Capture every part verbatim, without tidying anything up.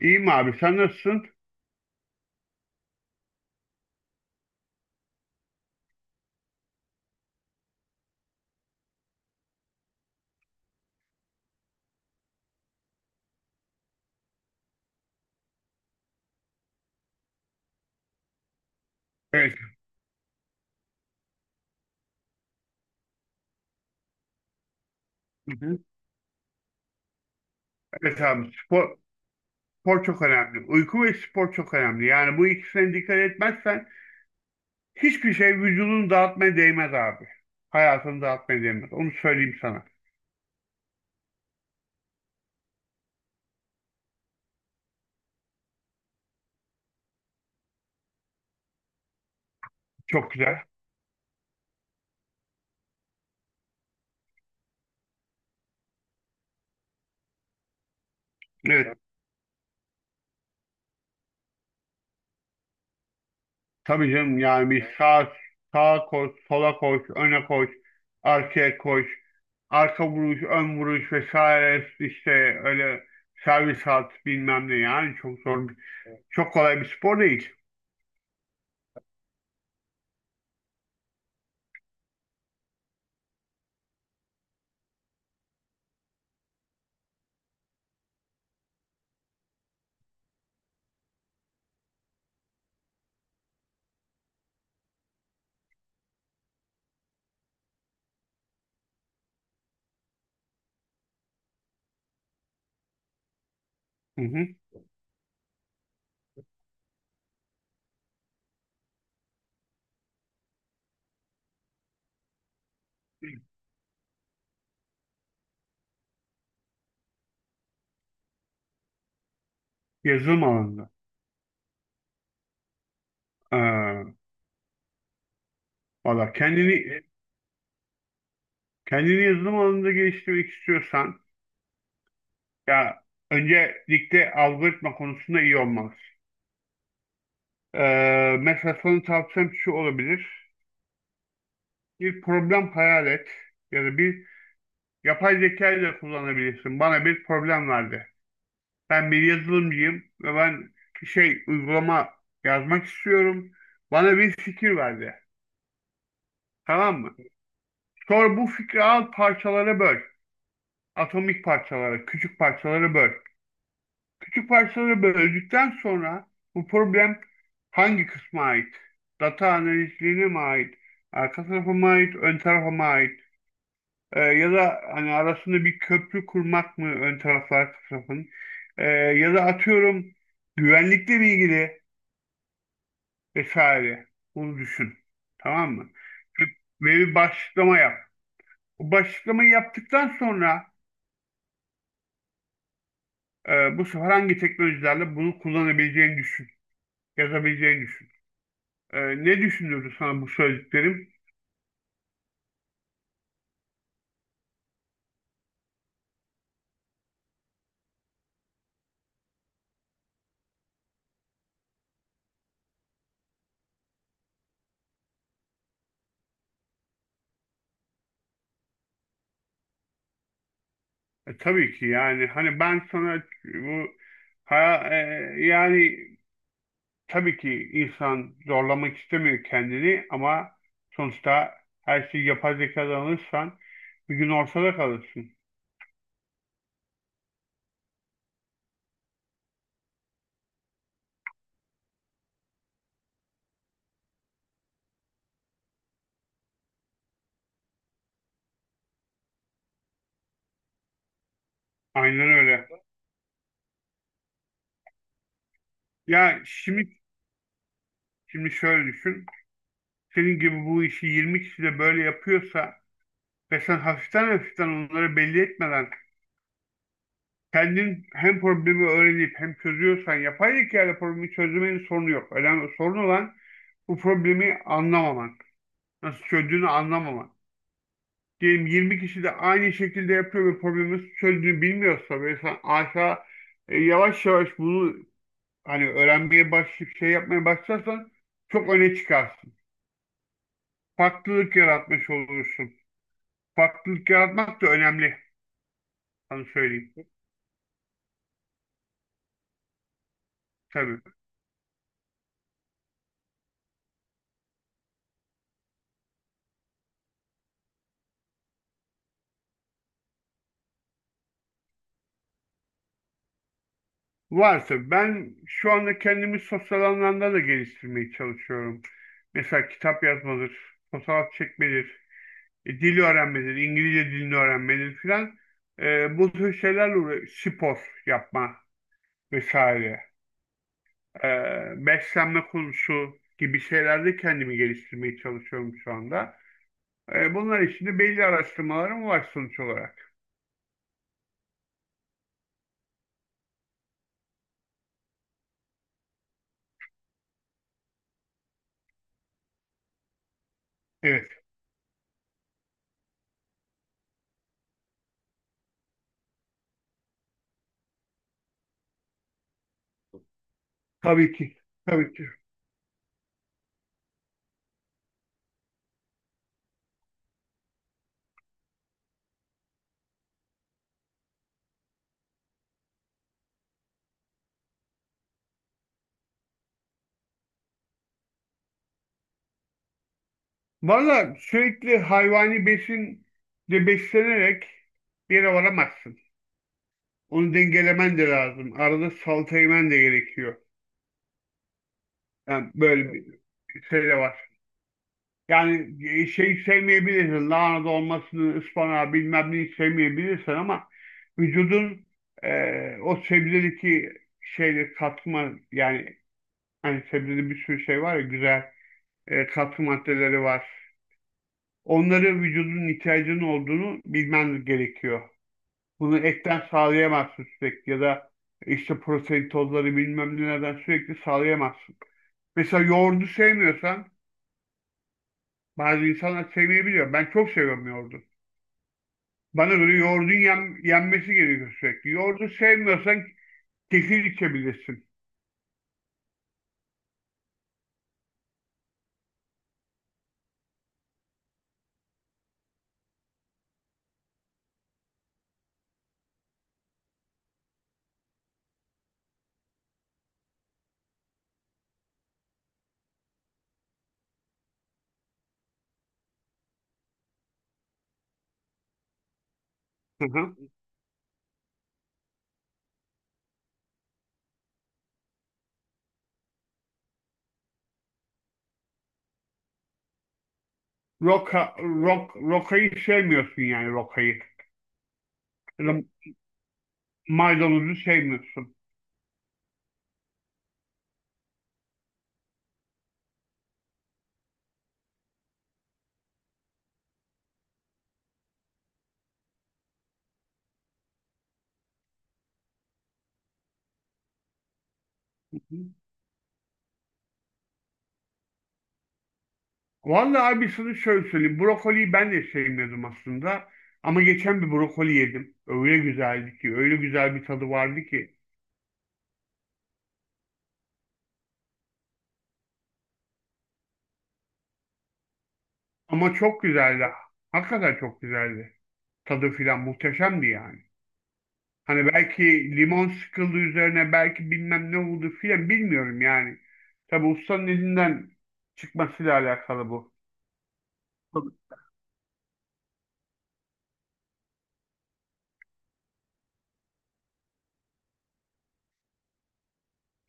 İyiyim abi sen nasılsın? Evet. Hı hı. Evet abi spor, spor çok önemli. Uyku ve spor çok önemli. Yani bu ikisine dikkat etmezsen hiçbir şey vücudunu dağıtmaya değmez abi. Hayatını dağıtmaya değmez. Onu söyleyeyim sana. Çok güzel. Evet. Tabii canım yani bir sağa sağa koş, sola koş, öne koş, arkaya koş, arka vuruş, ön vuruş vesaire işte öyle servis at bilmem ne yani çok zor. bir- Çok kolay bir spor değil. Hı hı. Yazılım alanında. Ee, valla kendini kendini yazılım alanında geliştirmek istiyorsan ya öncelikle algoritma konusunda iyi olmalısın. Ee, mesela sana tavsiyem şu olabilir. Bir problem hayal et ya da bir yapay zeka ile kullanabilirsin. Bana bir problem verdi. Ben bir yazılımcıyım ve ben şey uygulama yazmak istiyorum. Bana bir fikir verdi. Tamam mı? Sonra bu fikri al parçalara böl. Atomik parçalara, küçük parçalara böl. Küçük parçalara böldükten sonra bu problem hangi kısma ait? Data analizliğine mi ait? Arka tarafa mı ait? Ön tarafa mı ait? Ee, ya da hani arasında bir köprü kurmak mı ön tarafla arka tarafın? Ee, ya da atıyorum güvenlikle ilgili vesaire. Bunu düşün. Tamam mı? Ve ve bir başlıklama yap. Bu başlıklamayı yaptıktan sonra e, bu sefer hangi teknolojilerle bunu kullanabileceğini düşün. Yazabileceğini düşün. E, ne düşündürdü sana bu söylediklerim? E, tabii ki yani hani ben sana bu ha, e, yani tabii ki insan zorlamak istemiyor kendini ama sonuçta her şeyi yapay zekadan alırsan bir gün ortada kalırsın. Aynen öyle. Ya şimdi şimdi şöyle düşün. Senin gibi bu işi yirmi kişi de böyle yapıyorsa ve sen hafiften hafiften onları belli etmeden kendin hem problemi öğrenip hem çözüyorsan yapay zeka ile problemi çözmenin sorunu yok. Önemli sorun olan bu problemi anlamaman. Nasıl çözdüğünü anlamaman. Diyelim yirmi kişi de aynı şekilde yapıyor ve problemi çözdüğünü bilmiyorsa ve sen aşağı e, yavaş yavaş bunu hani öğrenmeye başlayıp şey yapmaya başlarsan çok öne çıkarsın. Farklılık yaratmış olursun. Farklılık yaratmak da önemli. Sana söyleyeyim. Tabii. Varsa ben şu anda kendimi sosyal anlamda da geliştirmeye çalışıyorum. Mesela kitap yazmadır, fotoğraf çekmedir, e, dil öğrenmedir, İngilizce dilini öğrenmedir filan. E, bu tür şeylerle uğra- spor yapma vesaire. E, Beslenme konusu gibi şeylerde kendimi geliştirmeye çalışıyorum şu anda. E, bunlar için de belli araştırmalarım var sonuç olarak. Evet, tabii ki. Tabii ki. Valla sürekli hayvani besinle beslenerek bir yere varamazsın. Onu dengelemen de lazım. Arada salata yemen de gerekiyor. Yani böyle bir şey de var. Yani e, şey sevmeyebilirsin. Lahana dolmasını, ıspanağı bilmem neyi sevmeyebilirsin ama vücudun e, o sebzedeki şeyle katma yani hani sebzede bir sürü şey var ya güzel e, katkı maddeleri var. Onları vücudun ihtiyacının olduğunu bilmen gerekiyor. Bunu etten sağlayamazsın sürekli ya da işte protein tozları bilmem nelerden sürekli sağlayamazsın. Mesela yoğurdu sevmiyorsan bazı insanlar sevmeyebiliyor. Ben çok seviyorum yoğurdu. Bana göre yoğurdun yen- yenmesi gerekiyor sürekli. Yoğurdu sevmiyorsan kefir içebilirsin. Hı hı. Roka, rok, rokayı sevmiyorsun yani rokayı. Ya da maydanozu sevmiyorsun. Hı hı. Vallahi abi sana şöyle söyleyeyim. Brokoliyi ben de sevmiyordum aslında. Ama geçen bir brokoli yedim. Öyle güzeldi ki. Öyle güzel bir tadı vardı ki. Ama çok güzeldi. Hakikaten çok güzeldi. Tadı filan muhteşemdi yani. Hani belki limon sıkıldı üzerine belki bilmem ne oldu filan bilmiyorum yani. Tabi ustanın elinden çıkmasıyla alakalı bu.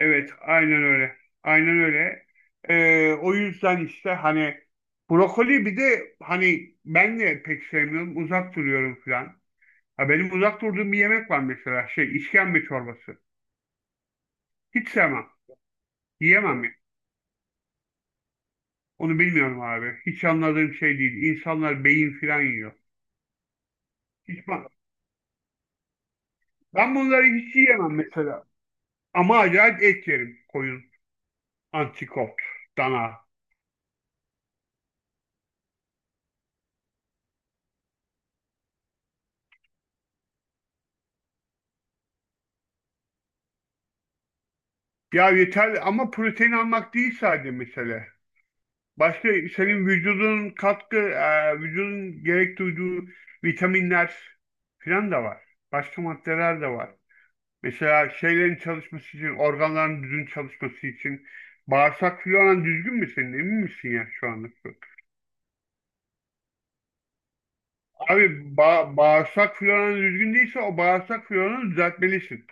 Evet, aynen öyle. Aynen öyle. Ee, o yüzden işte hani brokoli bir de hani ben de pek sevmiyorum. Uzak duruyorum falan. Ha, benim uzak durduğum bir yemek var mesela. Şey, işkembe çorbası. Hiç sevmem. Yiyemem ya. Onu bilmiyorum abi. Hiç anladığım şey değil. İnsanlar beyin falan yiyor. Hiç ben, ben bunları hiç yiyemem mesela. Ama acayip et yerim. Koyun, antrikot, dana. Ya yeter ama protein almak değil sadece mesele. Başka senin vücudun katkı, e, vücudun gerek duyduğu vitaminler falan da var. Başka maddeler de var. Mesela şeylerin çalışması için, organların düzgün çalışması için bağırsak floran düzgün mü senin? Emin misin ya şu anda? Abi ba bağırsak floran düzgün değilse o bağırsak floranı düzeltmelisin.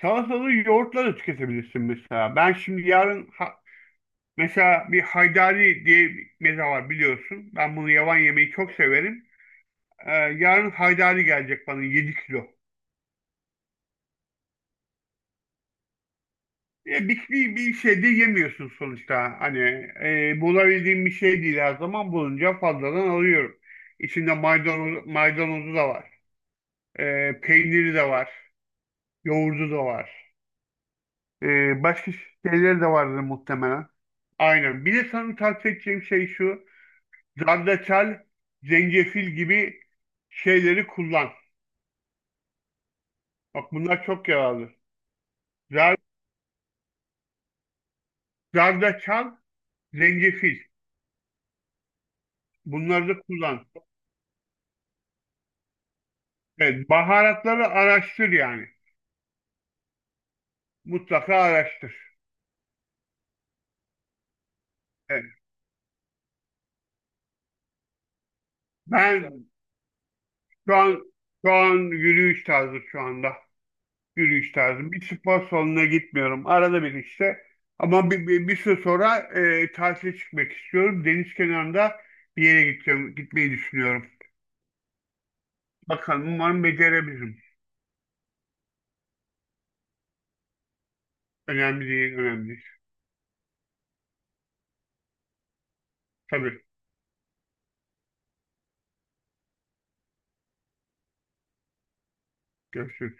Salatalığı yoğurtla da tüketebilirsin mesela. Ben şimdi yarın ha- mesela bir haydari diye bir meze var biliyorsun. Ben bunu yavan yemeyi çok severim. Ee, yarın haydari gelecek bana yedi kilo. Ya bir, bir, bir şey de yemiyorsun sonuçta. Hani e, bulabildiğim bir şey değil her zaman bulunca fazladan alıyorum. İçinde maydanoz, maydanozu da var. Ee, peyniri de var. Yoğurdu da var. Ee, başka şeyleri de vardır muhtemelen. Aynen. Bir de sana tavsiye edeceğim şey şu. Zerdeçal, zencefil gibi şeyleri kullan. Bak bunlar çok yararlı. Zer- Zerdeçal, zencefil. Bunları da kullan. Evet, baharatları araştır yani. Mutlaka araştır. Evet. Ben şu an şu an yürüyüş tarzı şu anda. Yürüyüş tarzı. Bir spor salonuna gitmiyorum. Arada bir işte. Ama bir, bir, bir süre sonra e, tatile çıkmak istiyorum. Deniz kenarında bir yere gideceğim, gitmeyi düşünüyorum. Bakalım umarım becerebilirim. Önemli değil, önemli değil. Tabii. Görüşürüz.